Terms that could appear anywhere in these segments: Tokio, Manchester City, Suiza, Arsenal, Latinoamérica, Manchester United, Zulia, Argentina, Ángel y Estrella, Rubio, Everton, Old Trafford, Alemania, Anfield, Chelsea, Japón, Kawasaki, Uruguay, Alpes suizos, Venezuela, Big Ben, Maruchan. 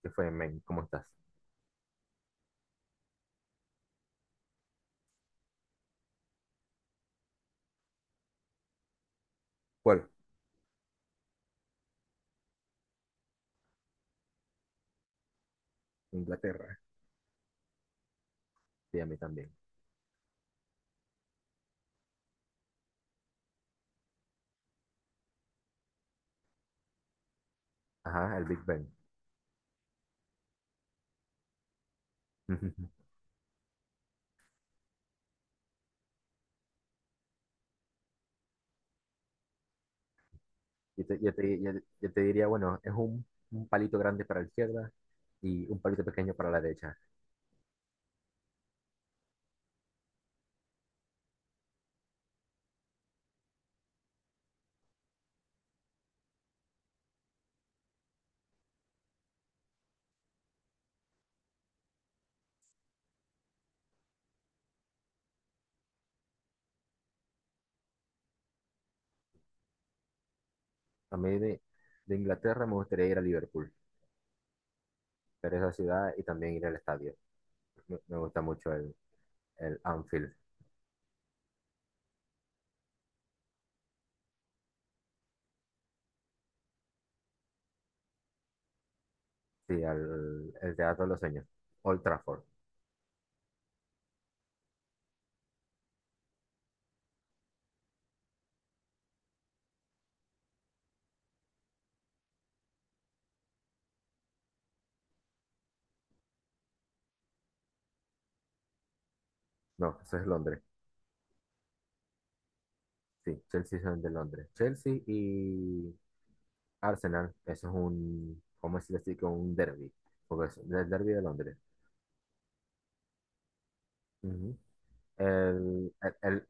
¿Qué fue, men? ¿Cómo estás? ¿Cuál? Inglaterra. Sí, a mí también. Ajá, el Big Ben. Yo te diría, bueno, es un palito grande para la izquierda y un palito pequeño para la derecha. A mí de Inglaterra me gustaría ir a Liverpool, pero esa ciudad y también ir al estadio. Me gusta mucho el Anfield, sí, el Teatro de los Sueños, Old Trafford. No, eso es Londres. Sí, Chelsea son de Londres. Chelsea y Arsenal, eso es un, ¿cómo decirlo así? Que un derby, porque es el derby de Londres. Ujú. El, el, el-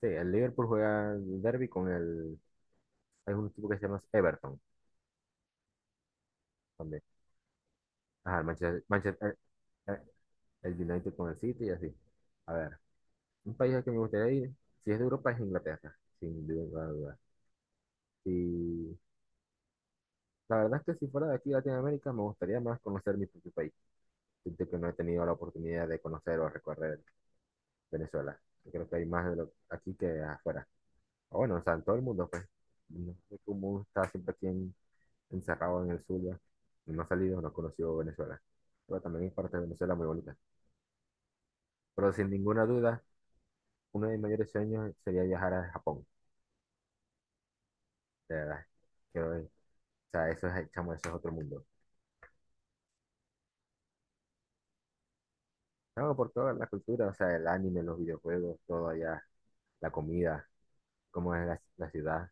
sí, el Liverpool juega el derby con hay un equipo que se llama Everton también. Ajá, el, el United con el City y así. A ver, un país al que me gustaría ir, si es de Europa, es Inglaterra, sin duda, duda. Y la verdad es que si fuera de aquí, Latinoamérica, me gustaría más conocer mi propio país. Siento que no he tenido la oportunidad de conocer o recorrer Venezuela. Yo creo que hay más de lo, aquí que afuera. O bueno, o sea, en todo el mundo, pues. No sé cómo está siempre aquí encerrado en el Zulia. No ha salido, no ha conocido Venezuela. Pero también hay parte de Venezuela muy bonita. Pero sin ninguna duda, uno de mis mayores sueños sería viajar a Japón. De verdad. Quiero ver. O sea, eso es, chamo, eso es otro mundo. Chamo, por toda la cultura, o sea, el anime, los videojuegos, todo allá, la comida, cómo es la ciudad.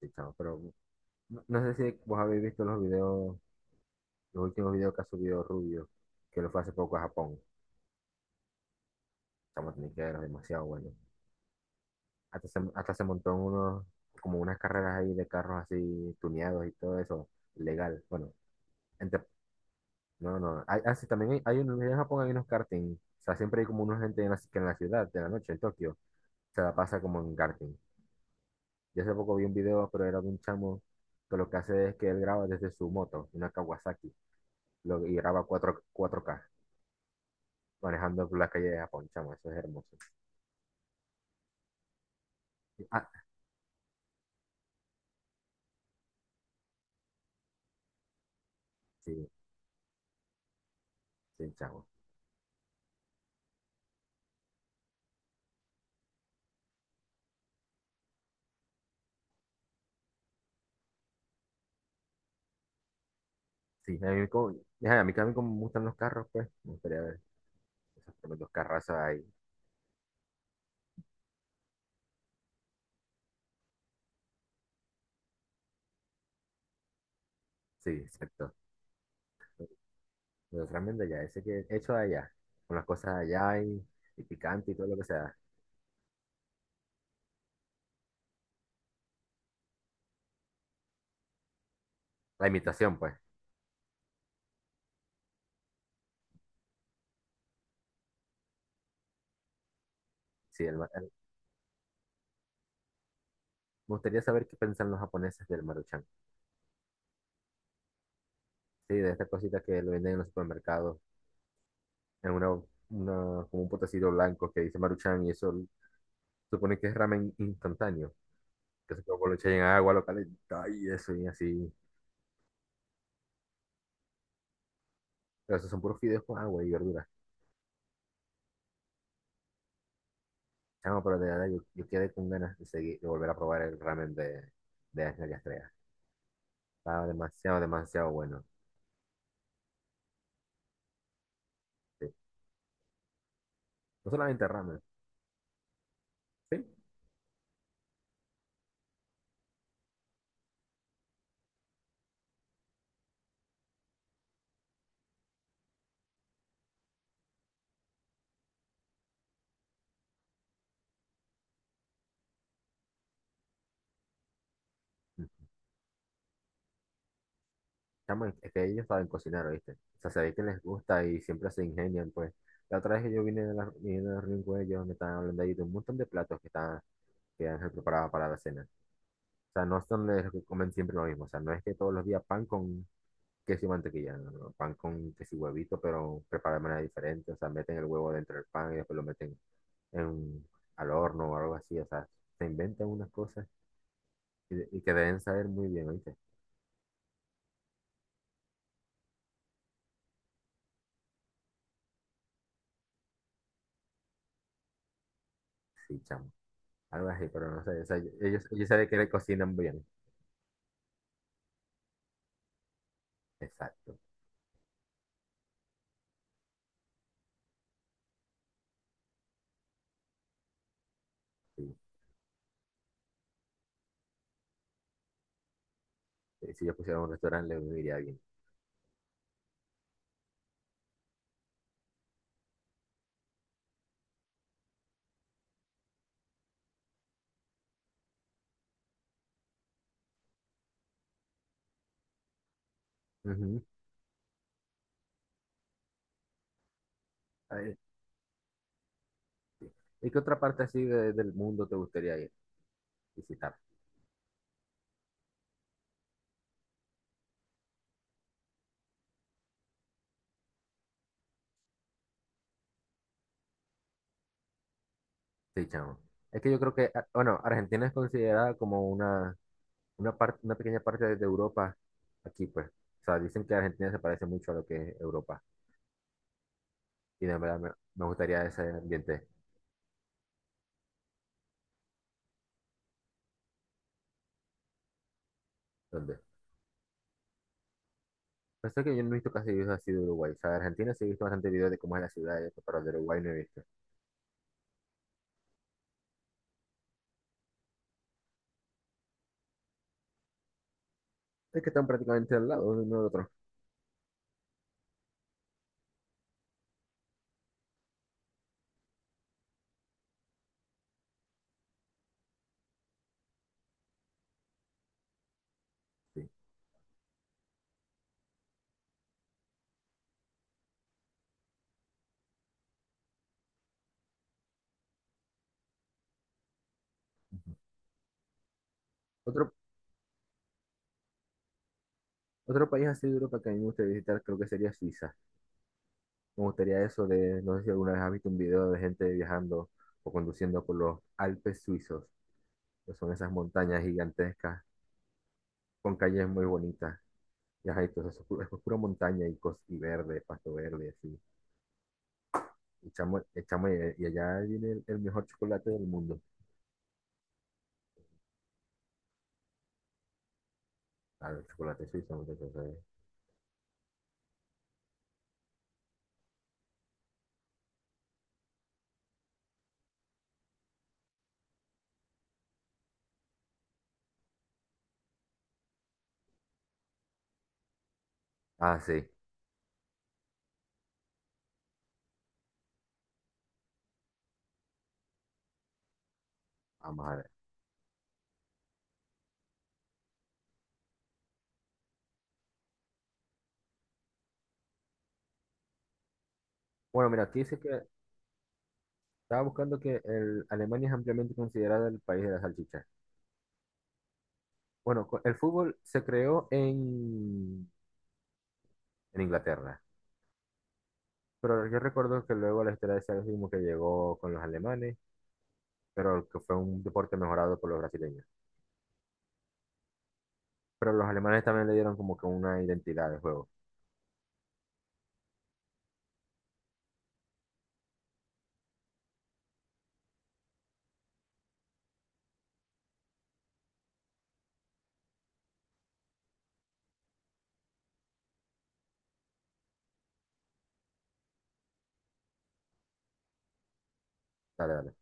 Sí, chamo, pero no, no sé si vos habéis visto los últimos videos que ha subido Rubio, que lo fue hace poco a Japón, estamos teniqueros, demasiado bueno. Hasta se montó en unos, como unas carreras ahí de carros así tuneados y todo eso, legal. Bueno, entre- no, no. Ah, sí, también hay unos, en Japón hay unos karting. O sea, siempre hay como una gente que en la ciudad, de la noche, en Tokio, se la pasa como en karting. Yo hace poco vi un video, pero era de un chamo que lo que hace es que él graba desde su moto, una Kawasaki, y graba cuatro k manejando por la calle de Japón, chamo, eso es hermoso. Ah, sí, sí, chavo. Sí, a mí, como, ajá, a mí también como me gustan los carros, pues, me gustaría ver esos tremendos carrazos ahí. Sí, exacto. Los tremendos ya, ese que hecho allá, con las cosas allá y picante y todo lo que sea. La imitación, pues. Sí, me gustaría saber qué piensan los japoneses del Maruchan. Sí, de esta cosita que lo venden en los supermercados, en una, como un potecito blanco que dice Maruchan y eso supone que es ramen instantáneo, que se lo echan en agua, lo calienta y eso y así. Pero esos son puros fideos con agua y verduras. Chamo, pero de verdad yo quedé con ganas de seguir, de volver a probar el ramen de Ángel y Estrella. Estaba demasiado, demasiado bueno. Sí. No solamente ramen, sí. Mm. Chamo, es que ellos saben cocinar, ¿oíste? O sea, se ve que les gusta y siempre se ingenian, pues. La otra vez que yo vine de la reunión con ellos, me estaban hablando ahí de un montón de platos que Ángel preparaba para la cena. O sea, no son los que comen siempre lo mismo. O sea, no es que todos los días pan con queso y mantequilla, no, no, no. Pan con queso y huevito, pero preparado de manera diferente. O sea, meten el huevo dentro del pan y después lo meten en- al horno o algo así, o sea, se inventan unas cosas y que deben saber muy bien, ¿oíste? Sí, chamo, algo así, pero no sé, o sea, ellos saben que le cocinan bien, exacto, sí. Si yo pusiera un restaurante, le iría bien. Ujú. A ver, ¿y qué otra parte así del mundo te gustaría ir, visitar? Sí, chamo. Es que yo creo que, ah, bueno, Argentina es considerada como una pequeña parte de Europa aquí, pues. O sea, dicen que Argentina se parece mucho a lo que es Europa. Y de verdad me gustaría ese ambiente. ¿Dónde? Pasa que yo no he visto casi videos así de Uruguay. O sea, de Argentina sí he visto bastante videos de cómo es la ciudad, y eso, pero de Uruguay no he visto. Es que están prácticamente al lado uno del otro. Sí. Otro, otro país así de Europa que a mí me gustaría visitar creo que sería Suiza. Me gustaría eso de, no sé si alguna vez has visto un video de gente viajando o conduciendo por los Alpes suizos, que son esas montañas gigantescas con calles muy bonitas. Y ajá, y todo eso es pura montaña y verde, pasto verde, así. Y chamo, allá viene el mejor chocolate del mundo. Claro, el chocolate suizo, muchachos. Ah, sí. Vamos a ver. Bueno, mira, aquí dice que estaba buscando que el Alemania es ampliamente considerada el país de la salchicha. Bueno, el fútbol se creó en Inglaterra, pero yo recuerdo que luego la historia de ese mismo que llegó con los alemanes, pero que fue un deporte mejorado por los brasileños. Pero los alemanes también le dieron como que una identidad de juego. Dale, dale.